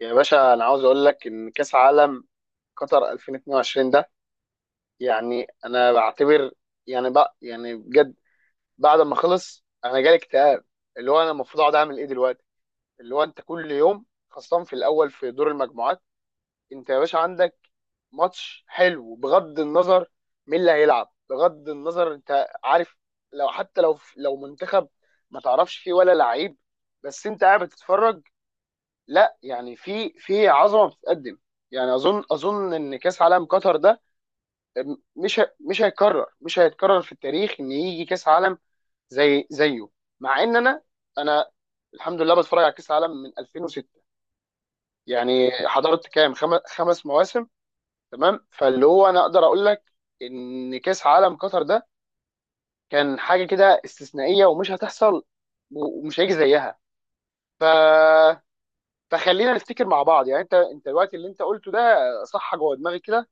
يا باشا انا عاوز اقول لك ان كاس عالم قطر 2022 ده. يعني انا بعتبر يعني بقى يعني بجد، بعد ما خلص انا جالي اكتئاب، اللي هو انا المفروض اقعد اعمل ايه دلوقتي. اللي هو انت كل يوم خاصة في الاول في دور المجموعات انت يا باشا عندك ماتش حلو، بغض النظر مين اللي هيلعب، بغض النظر انت عارف، لو حتى لو منتخب ما تعرفش فيه ولا لعيب، بس انت قاعد بتتفرج. لا يعني في عظمه بتتقدم. يعني اظن ان كاس عالم قطر ده مش هيتكرر، مش هيتكرر في التاريخ ان يجي كاس عالم زي زيه. مع ان انا الحمد لله بتفرج على كاس عالم من 2006، يعني حضرت كام خمس مواسم. تمام، فاللي هو انا اقدر اقول لك ان كاس عالم قطر ده كان حاجه كده استثنائيه ومش هتحصل ومش هيجي زيها. ف فخلينا نفتكر مع بعض. يعني انت دلوقتي اللي انت قلته ده صح جوه دماغي كده.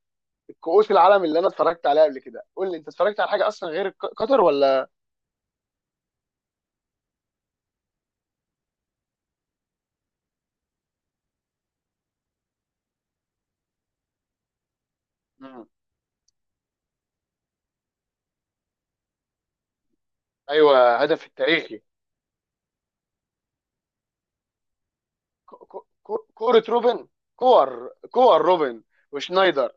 الكؤوس العالم اللي انا اتفرجت عليها قبل كده، قول لي انت اتفرجت على حاجه اصلا غير قطر ولا؟ مم. ايوه، هدف التاريخي كوره روبن. كور روبن وشنايدر.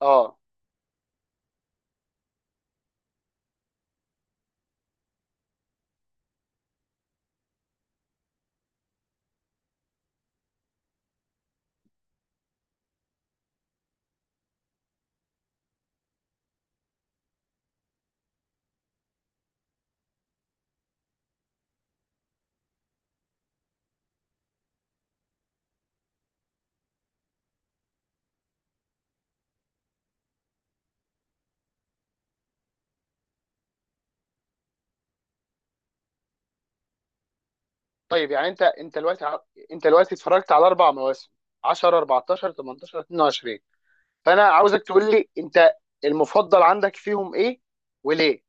اه طيب، يعني انت دلوقتي اتفرجت على اربع مواسم: 10، 14، 18، 22. فانا عاوزك تقول لي انت المفضل عندك فيهم ايه وليه؟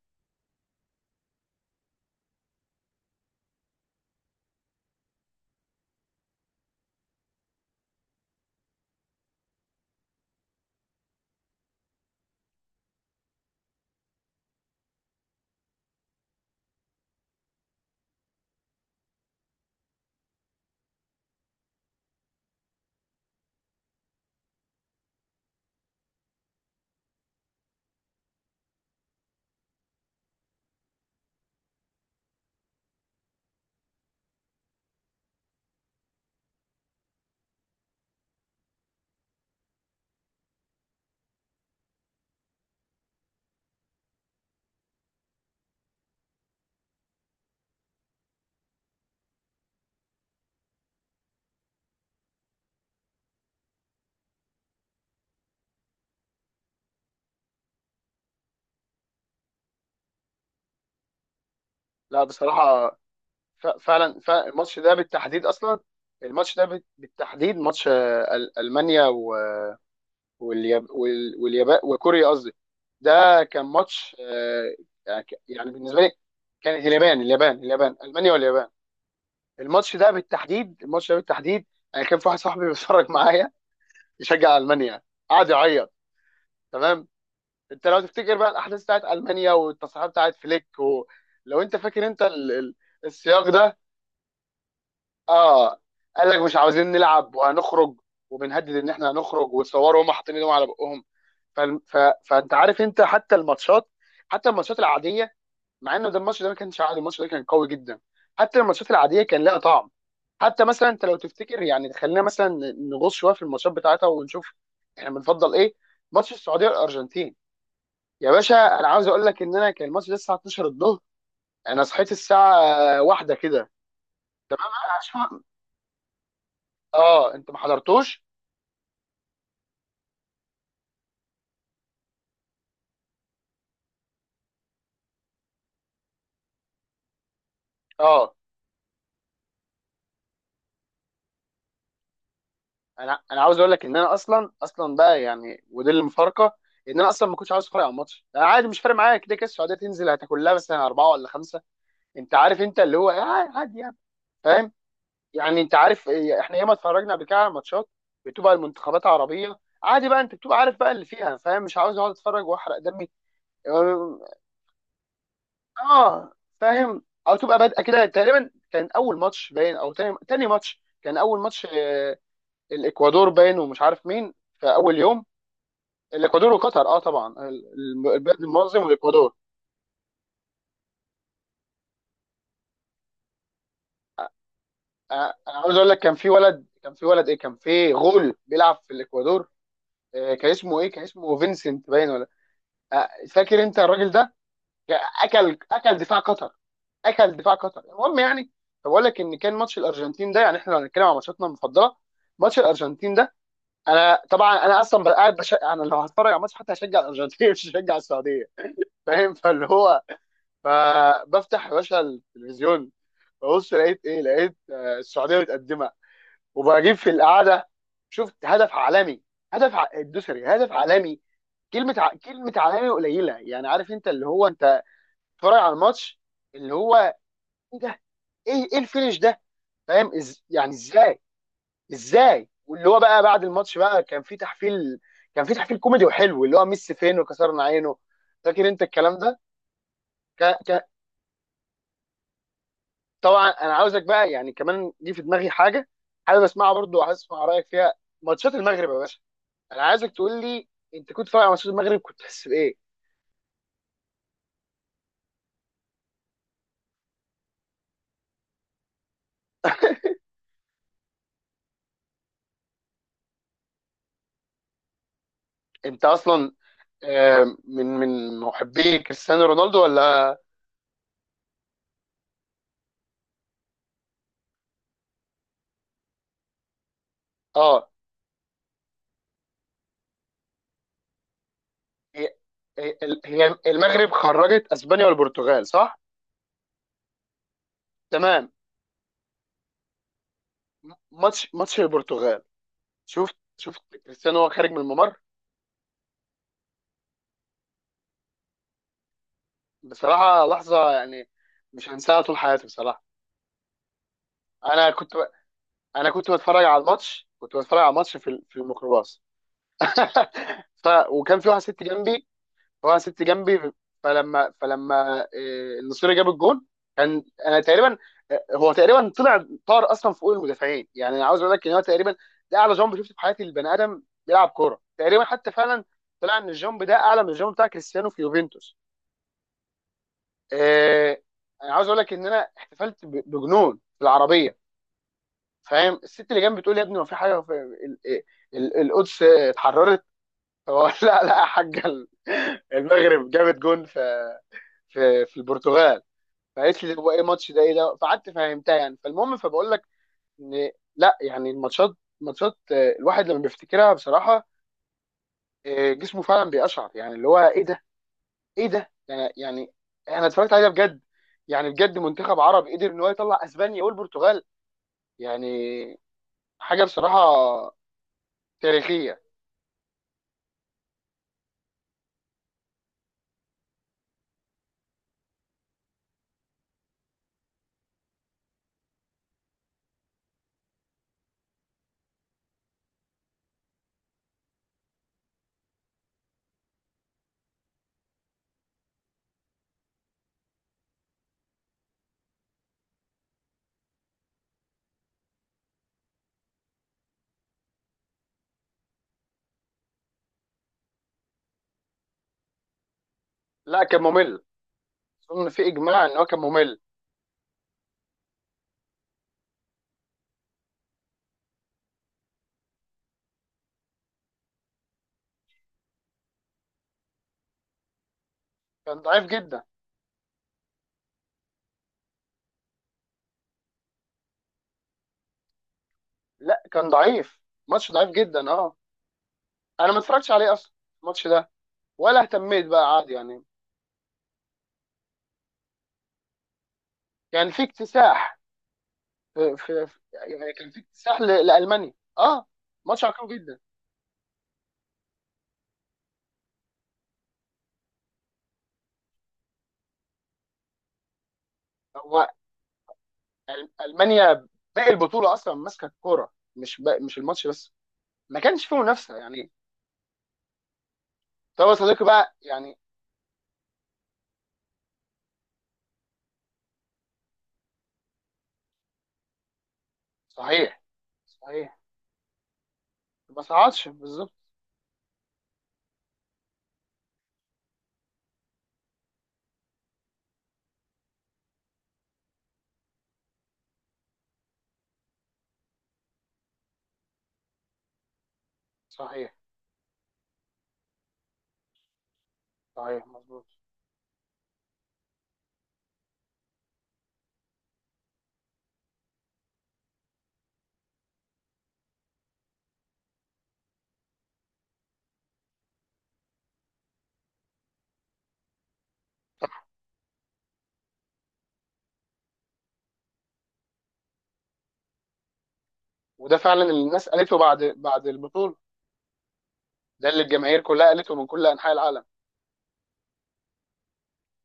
لا بصراحه، فعلا فعلا الماتش ده بالتحديد اصلا، بالتحديد ماتش المانيا واليابان وكوريا قصدي. ده كان ماتش، يعني يعني بالنسبه لي كان اليابان اليابان، المانيا واليابان. الماتش ده بالتحديد. الماتش ده بالتحديد، انا كان في واحد صاحبي بيتفرج معايا يشجع المانيا، قعد يعيط. تمام، انت لو تفتكر بقى الاحداث بتاعت المانيا والتصريحات بتاعت فليك لو انت فاكر السياق ده. اه، قال لك مش عاوزين نلعب وهنخرج، وبنهدد ان احنا هنخرج، وتصوروا هم حاطين ايدهم على بقهم. ف... ف... فانت عارف انت حتى الماتشات، حتى الماتشات العاديه، مع انه ده الماتش ده ما كانش عادي، الماتش ده كان قوي جدا. حتى الماتشات العاديه كان لها طعم. حتى مثلا انت لو تفتكر، يعني خلينا مثلا نغوص شويه في الماتشات بتاعتها ونشوف احنا بنفضل ايه. ماتش السعوديه والارجنتين، يا باشا انا عاوز اقول لك ان انا كان الماتش ده الساعه 12 الظهر، انا صحيت الساعه واحدة كده. تمام، اه انت ما حضرتوش؟ اه، انا عاوز اقول لك ان انا اصلا بقى يعني، ودي المفارقه، ان انا اصلا ما كنتش عاوز اتفرج على الماتش. انا عادي مش فارق معايا، كده كده السعوديه تنزل هتاكل لها مثلا اربعه ولا خمسه. انت عارف انت اللي هو عادي يعني، فاهم. يعني انت عارف إيه، احنا ياما اتفرجنا قبل كده على ماتشات بتبقى المنتخبات عربيه، عادي بقى انت بتبقى عارف بقى اللي فيها، فاهم، مش عاوز اقعد اتفرج واحرق دمي. اه آه، فاهم، او تبقى بادئه كده تقريبا، كان اول ماتش باين، او تاني ماتش، كان اول ماتش، الاكوادور باين ومش عارف مين في اول يوم. الاكوادور وقطر اه، طبعا البلد المنظم والاكوادور. انا عاوز اقول لك كان في ولد، كان في ولد ايه كان في غول بيلعب في الاكوادور، كان اسمه ايه، كان اسمه فينسنت باين ولا؟ فاكر انت الراجل ده؟ اكل دفاع قطر، اكل دفاع قطر المهم يعني. فبقول لك ان كان ماتش الارجنتين ده، يعني احنا لو هنتكلم عن ماتشاتنا المفضله، ماتش الارجنتين ده، انا طبعا انا اصلا قاعد بش... انا لو هتفرج على ماتش حتى هشجع الارجنتين، مش هشجع السعوديه. فاهم، فاللي هو، فبفتح يا باشا التلفزيون، ببص لقيت ايه، لقيت السعوديه متقدمه، وبجيب في القعده شفت هدف عالمي. الدوسري هدف عالمي. كلمه عالمي قليله، يعني عارف انت اللي هو انت بتتفرج على الماتش اللي هو ايه ده، ايه الفينش ده. فاهم يعني ازاي، ازاي. واللي هو بقى بعد الماتش بقى كان في تحفيل، كان في تحفيل كوميدي وحلو، اللي هو ميسي فين وكسرنا عينه، فاكر انت الكلام ده؟ ك... طبعا انا عاوزك بقى يعني كمان دي في دماغي حاجه، حابب اسمعها برضو وعايز اسمع رايك فيها. ماتشات المغرب يا باشا، انا عايزك تقول لي انت كنت فاهم على ماتشات المغرب، كنت تحس بايه؟ انت اصلا من من محبي كريستيانو رونالدو ولا؟ اه، هي هي هي المغرب خرجت اسبانيا والبرتغال صح؟ تمام، ماتش البرتغال، شفت كريستيانو وهو خارج من الممر. بصراحه لحظه يعني مش هنساها طول حياتي بصراحه. انا كنت انا كنت بتفرج على الماتش، كنت بتفرج على الماتش في في الميكروباص، ف وكان في واحد ست جنبي، واحد ست جنبي. فلما النصيري جاب الجون، كان انا تقريبا، هو تقريبا طلع طار اصلا فوق المدافعين. يعني انا عاوز اقول لك ان هو تقريبا ده اعلى جامب شفته في حياتي البني ادم بيلعب كوره تقريبا، حتى فعلا طلع ان الجامب ده اعلى من الجامب بتاع كريستيانو في يوفنتوس. آه، انا عاوز اقول لك ان انا احتفلت بجنون في العربيه، فاهم. الست اللي جنبي بتقول يا ابني ما في حاجه في القدس اتحررت؟ فبقول لا لا يا حاجه، المغرب جابت جون في في البرتغال. فقالت لي هو ايه الماتش ده، ايه ده؟ فقعدت فهمتها يعني. فالمهم، فبقول لك ان لا يعني الماتشات، ماتشات الواحد لما بيفتكرها بصراحه، جسمه فعلا بيقشعر يعني، اللي هو ايه ده، ايه ده يعني. يعني انا اتفرجت عليها بجد، يعني بجد منتخب عربي قدر ان هو يطلع اسبانيا والبرتغال، يعني حاجه بصراحه تاريخيه. لا كان ممل، اظن في اجماع ان هو كان ممل. كان ضعيف جدا، لا كان ضعيف، ماتش ضعيف جدا اه. انا ما اتفرجتش عليه اصلا الماتش ده، ولا اهتميت بقى، عادي يعني. يعني في اكتساح، يعني كان في اكتساح لالمانيا اه، ماتش عقيم جدا. هو المانيا باقي البطوله اصلا ماسكه الكوره، مش باقي مش الماتش بس. ما كانش فيه منافسه يعني. طب يا صديقي بقى يعني، صحيح صحيح ما صعدش بالظبط. صحيح، صحيح مظبوط. وده فعلا اللي الناس قالته بعد بعد البطوله، ده اللي الجماهير كلها قالته من كل انحاء العالم.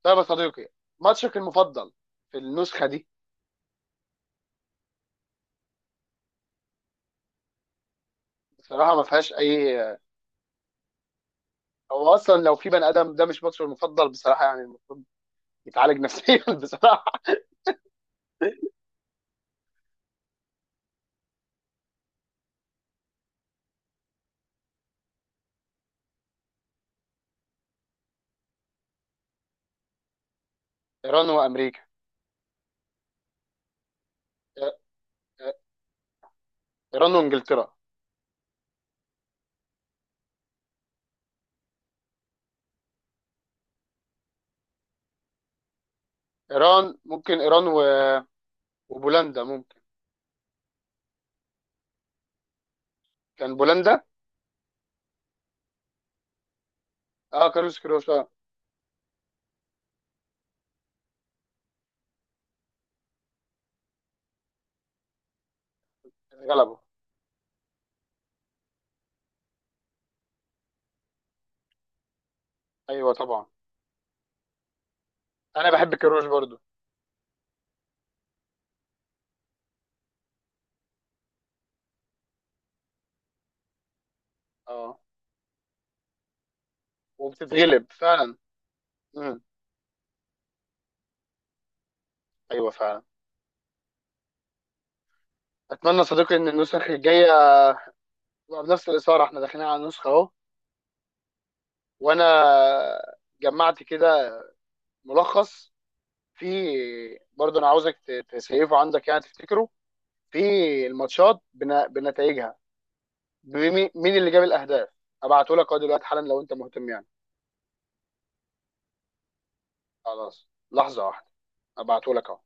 طيب يا صديقي، ماتشك المفضل في النسخه دي؟ بصراحه ما فيهاش اي، هو اصلا لو في بني ادم ده مش ماتشه المفضل بصراحه، يعني المفروض يتعالج نفسيا. بصراحه ايران وامريكا، ايران وانجلترا، ايران ممكن، وبولندا ممكن، كان بولندا. اه كارلوس كيروش اه، غلبه. ايوه طبعا انا بحب كيروش برضو. اه وبتتغلب فعلا. مم. ايوه فعلا. اتمنى صديقي ان النسخ الجايه بنفس الاثاره، احنا داخلين على النسخه اهو. وانا جمعت كده ملخص في، برضه انا عاوزك تسيفه عندك يعني تفتكره في الماتشات بنتائجها، مين اللي جاب الاهداف. ابعته لك اهو دلوقتي حالا لو انت مهتم يعني. خلاص لحظه واحده، ابعته لك اهو.